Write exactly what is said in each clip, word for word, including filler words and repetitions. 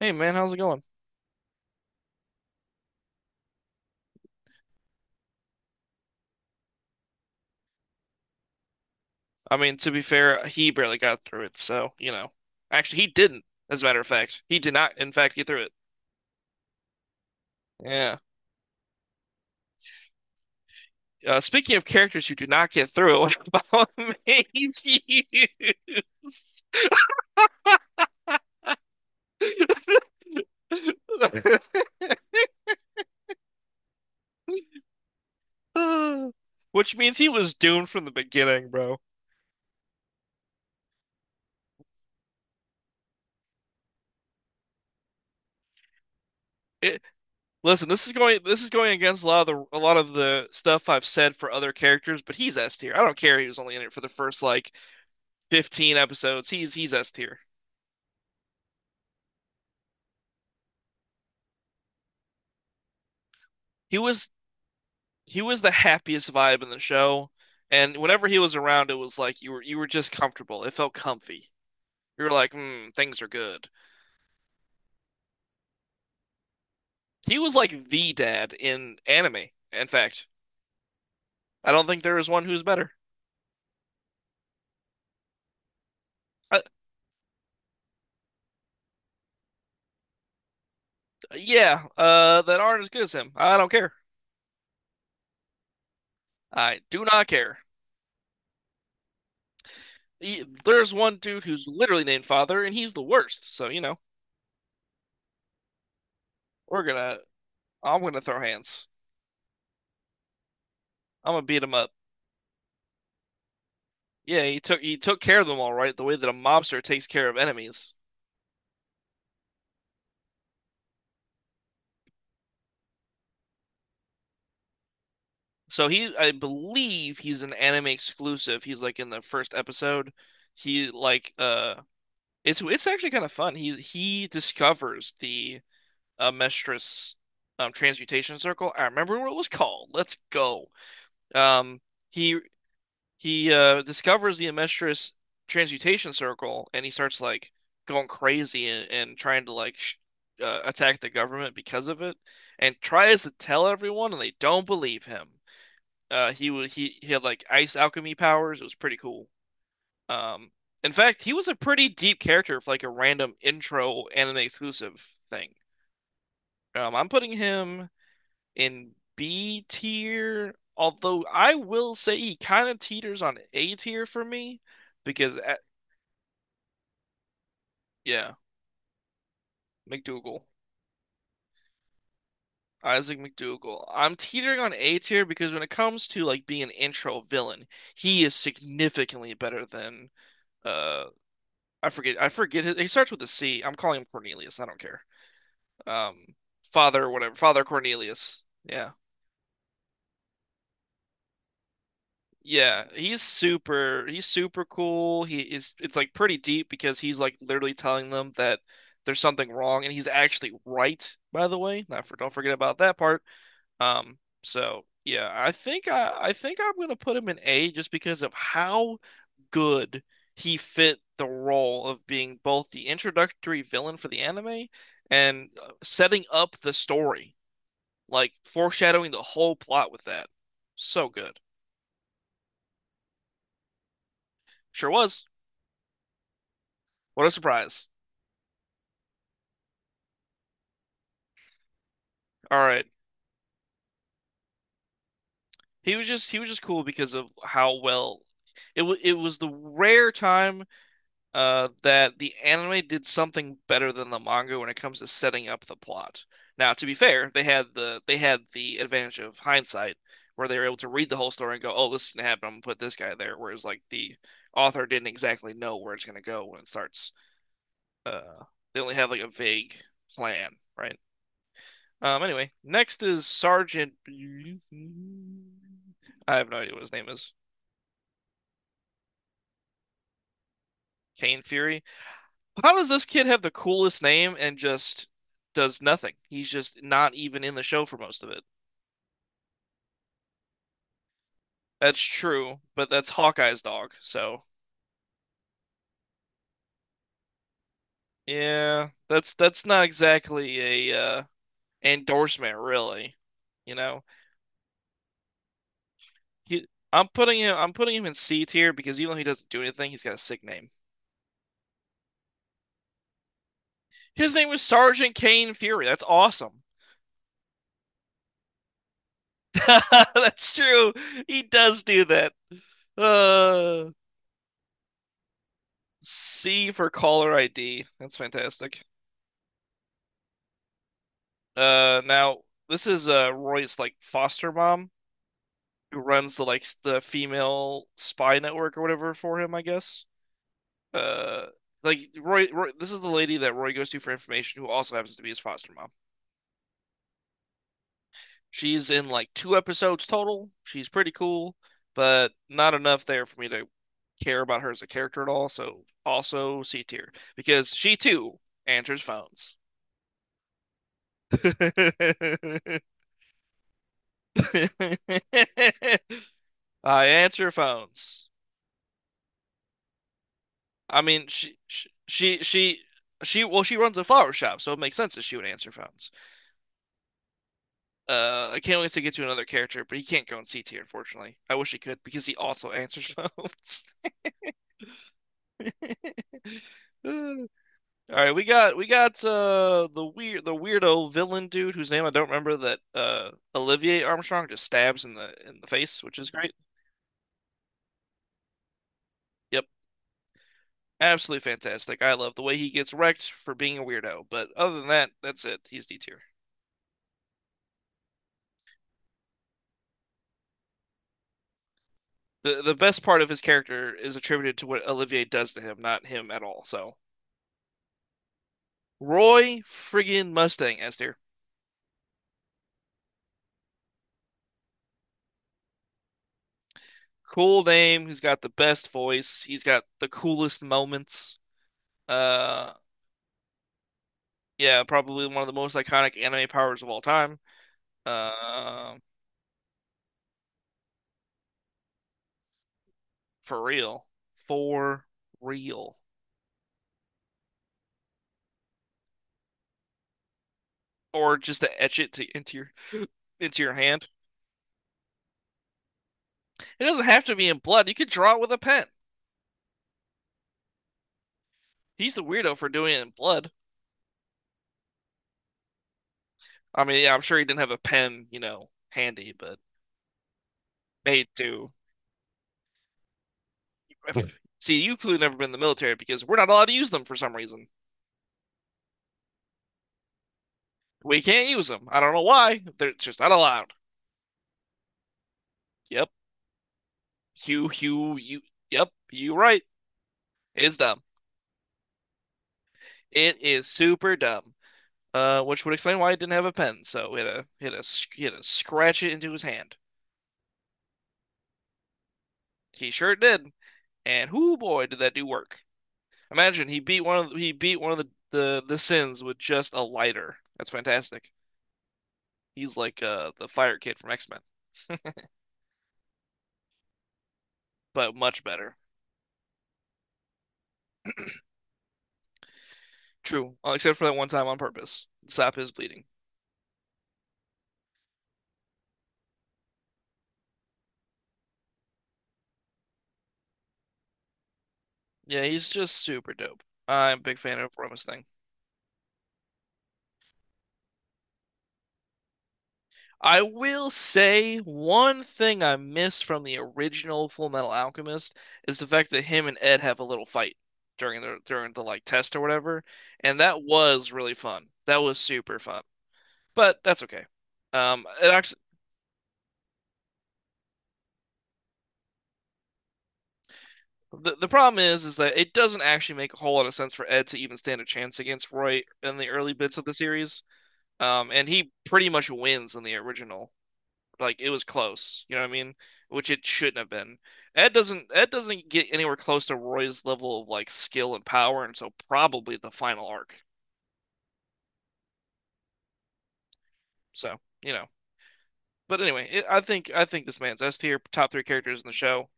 Hey man, how's it going? I mean, to be fair, he barely got through it, so, you know. Actually, he didn't, as a matter of fact. He did not, in fact, get through it. Yeah. Uh, speaking of characters who do not get through, it, what about Maze Hughes? Which means he was doomed from the beginning, bro. It, listen, this is going this is going against a lot of the a lot of the stuff I've said for other characters, but he's S tier. I don't care he was only in it for the first like fifteen episodes. He's he's S tier. He was he was the happiest vibe in the show, and whenever he was around, it was like you were you were just comfortable. It felt comfy. You were like, mm, things are good. He was like the dad in anime. In fact, I don't think there is one who's better. Uh, yeah, uh, that aren't as good as him. I don't care. I do not care. He, there's one dude who's literally named Father, and he's the worst. So you know, we're gonna, I'm gonna throw hands. I'm gonna beat him up. Yeah, he took he took care of them all right, the way that a mobster takes care of enemies. So he, I believe he's an anime exclusive. He's like in the first episode. He like uh it's it's actually kind of fun. He he discovers the uh, Mestris um transmutation circle. I remember what it was called. Let's go. Um he he uh discovers the Mestris transmutation circle and he starts like going crazy and, and trying to like sh uh, attack the government because of it and tries to tell everyone and they don't believe him. Uh, he was he, he had like ice alchemy powers. It was pretty cool. Um, in fact, he was a pretty deep character for like a random intro anime exclusive thing. Um, I'm putting him in B tier, although I will say he kind of teeters on A tier for me because uh, yeah, McDougal. Isaac McDougal. I'm teetering on A tier because when it comes to like being an intro villain, he is significantly better than uh I forget. I forget. His, he starts with a C. I'm calling him Cornelius. I don't care. Um, Father, whatever. Father Cornelius. Yeah. Yeah, he's super he's super cool. He is it's like pretty deep because he's like literally telling them that there's something wrong and he's actually right, by the way. Not for don't forget about that part. Um, so yeah, I think I I think I'm gonna put him in A just because of how good he fit the role of being both the introductory villain for the anime and uh, setting up the story, like foreshadowing the whole plot with that. So good. Sure was. What a surprise. All right. He was just he was just cool because of how well it was it was the rare time uh, that the anime did something better than the manga when it comes to setting up the plot. Now, to be fair, they had the they had the advantage of hindsight, where they were able to read the whole story and go, "Oh, this is gonna happen. I'm gonna put this guy there." Whereas, like the author didn't exactly know where it's gonna go when it starts. Uh, they only have like a vague plan, right? Um. Anyway, next is Sergeant. I have no idea what his name is. Kane Fury. How does this kid have the coolest name and just does nothing? He's just not even in the show for most of it. That's true, but that's Hawkeye's dog. So, yeah, that's that's not exactly a uh, endorsement really, you know. He I'm putting him I'm putting him in C tier because even though he doesn't do anything, he's got a sick name. His name was Sergeant Kane Fury. That's awesome. That's true. He does do that. Uh, C for caller I D. That's fantastic. Uh, now this is uh Roy's like foster mom who runs the like the female spy network or whatever for him, I guess. Uh, like Roy, Roy, this is the lady that Roy goes to for information, who also happens to be his foster mom. She's in like two episodes total. She's pretty cool, but not enough there for me to care about her as a character at all. So also C tier because she too answers phones. I answer phones. I mean, she, she, she, she, she, well, she runs a flower shop, so it makes sense that she would answer phones. Uh, I can't wait to get to another character, but he can't go in C tier, unfortunately. I wish he could because he also answers phones. All right, we got we got uh the weird the weirdo villain dude whose name I don't remember that uh Olivier Armstrong just stabs in the in the face, which is great. Yep, absolutely fantastic. I love the way he gets wrecked for being a weirdo, but other than that, that's it. He's D tier. the the best part of his character is attributed to what Olivier does to him, not him at all. So Roy friggin' Mustang Esther, cool name. He's got the best voice. He's got the coolest moments. Uh, yeah, probably one of the most iconic anime powers of all time. Uh, for real, for real, or just to etch it to, into your into your hand. It doesn't have to be in blood. You could draw it with a pen. He's the weirdo for doing it in blood. I mean, yeah, I'm sure he didn't have a pen, you know, handy, but made to. See, you could have never been in the military because we're not allowed to use them for some reason. We can't use them. I don't know why. They're just not allowed. Yep. You, you, you. Yep. You right. It's dumb. It is super dumb. Uh, which would explain why he didn't have a pen. So he had a he had a he had to scratch it into his hand. He sure did. And whoo boy, did that do work. Imagine he beat one of he beat one of the, the the sins with just a lighter. That's fantastic. He's like uh the fire kid from X-Men, but much better. True, uh, except for that one time on purpose. Stop his bleeding. Yeah, he's just super dope. I'm a big fan of Rama's thing. I will say one thing I miss from the original Full Metal Alchemist is the fact that him and Ed have a little fight during the during the like test or whatever, and that was really fun. That was super fun. But that's okay. Um, it actually The, the problem is, is that it doesn't actually make a whole lot of sense for Ed to even stand a chance against Roy in the early bits of the series. Um, and he pretty much wins in the original. Like it was close, you know what I mean? Which it shouldn't have been. Ed doesn't Ed doesn't get anywhere close to Roy's level of like skill and power until probably the final arc. So, you know. But anyway, it, I think I think this man's S tier top three characters in the show.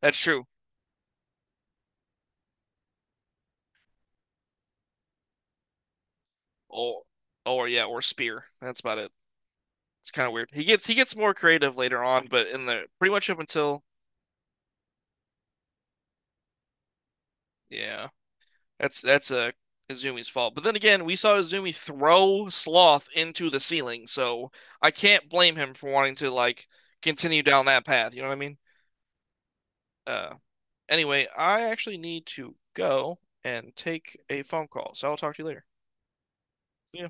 That's true. Or or yeah, or Spear. That's about it. It's kind of weird. He gets he gets more creative later on, but in the pretty much up until yeah, that's that's a uh, Izumi's fault. But then again, we saw Izumi throw Sloth into the ceiling, so I can't blame him for wanting to like continue down that path. You know what I mean? Uh, anyway, I actually need to go and take a phone call, so I'll talk to you later. Yeah.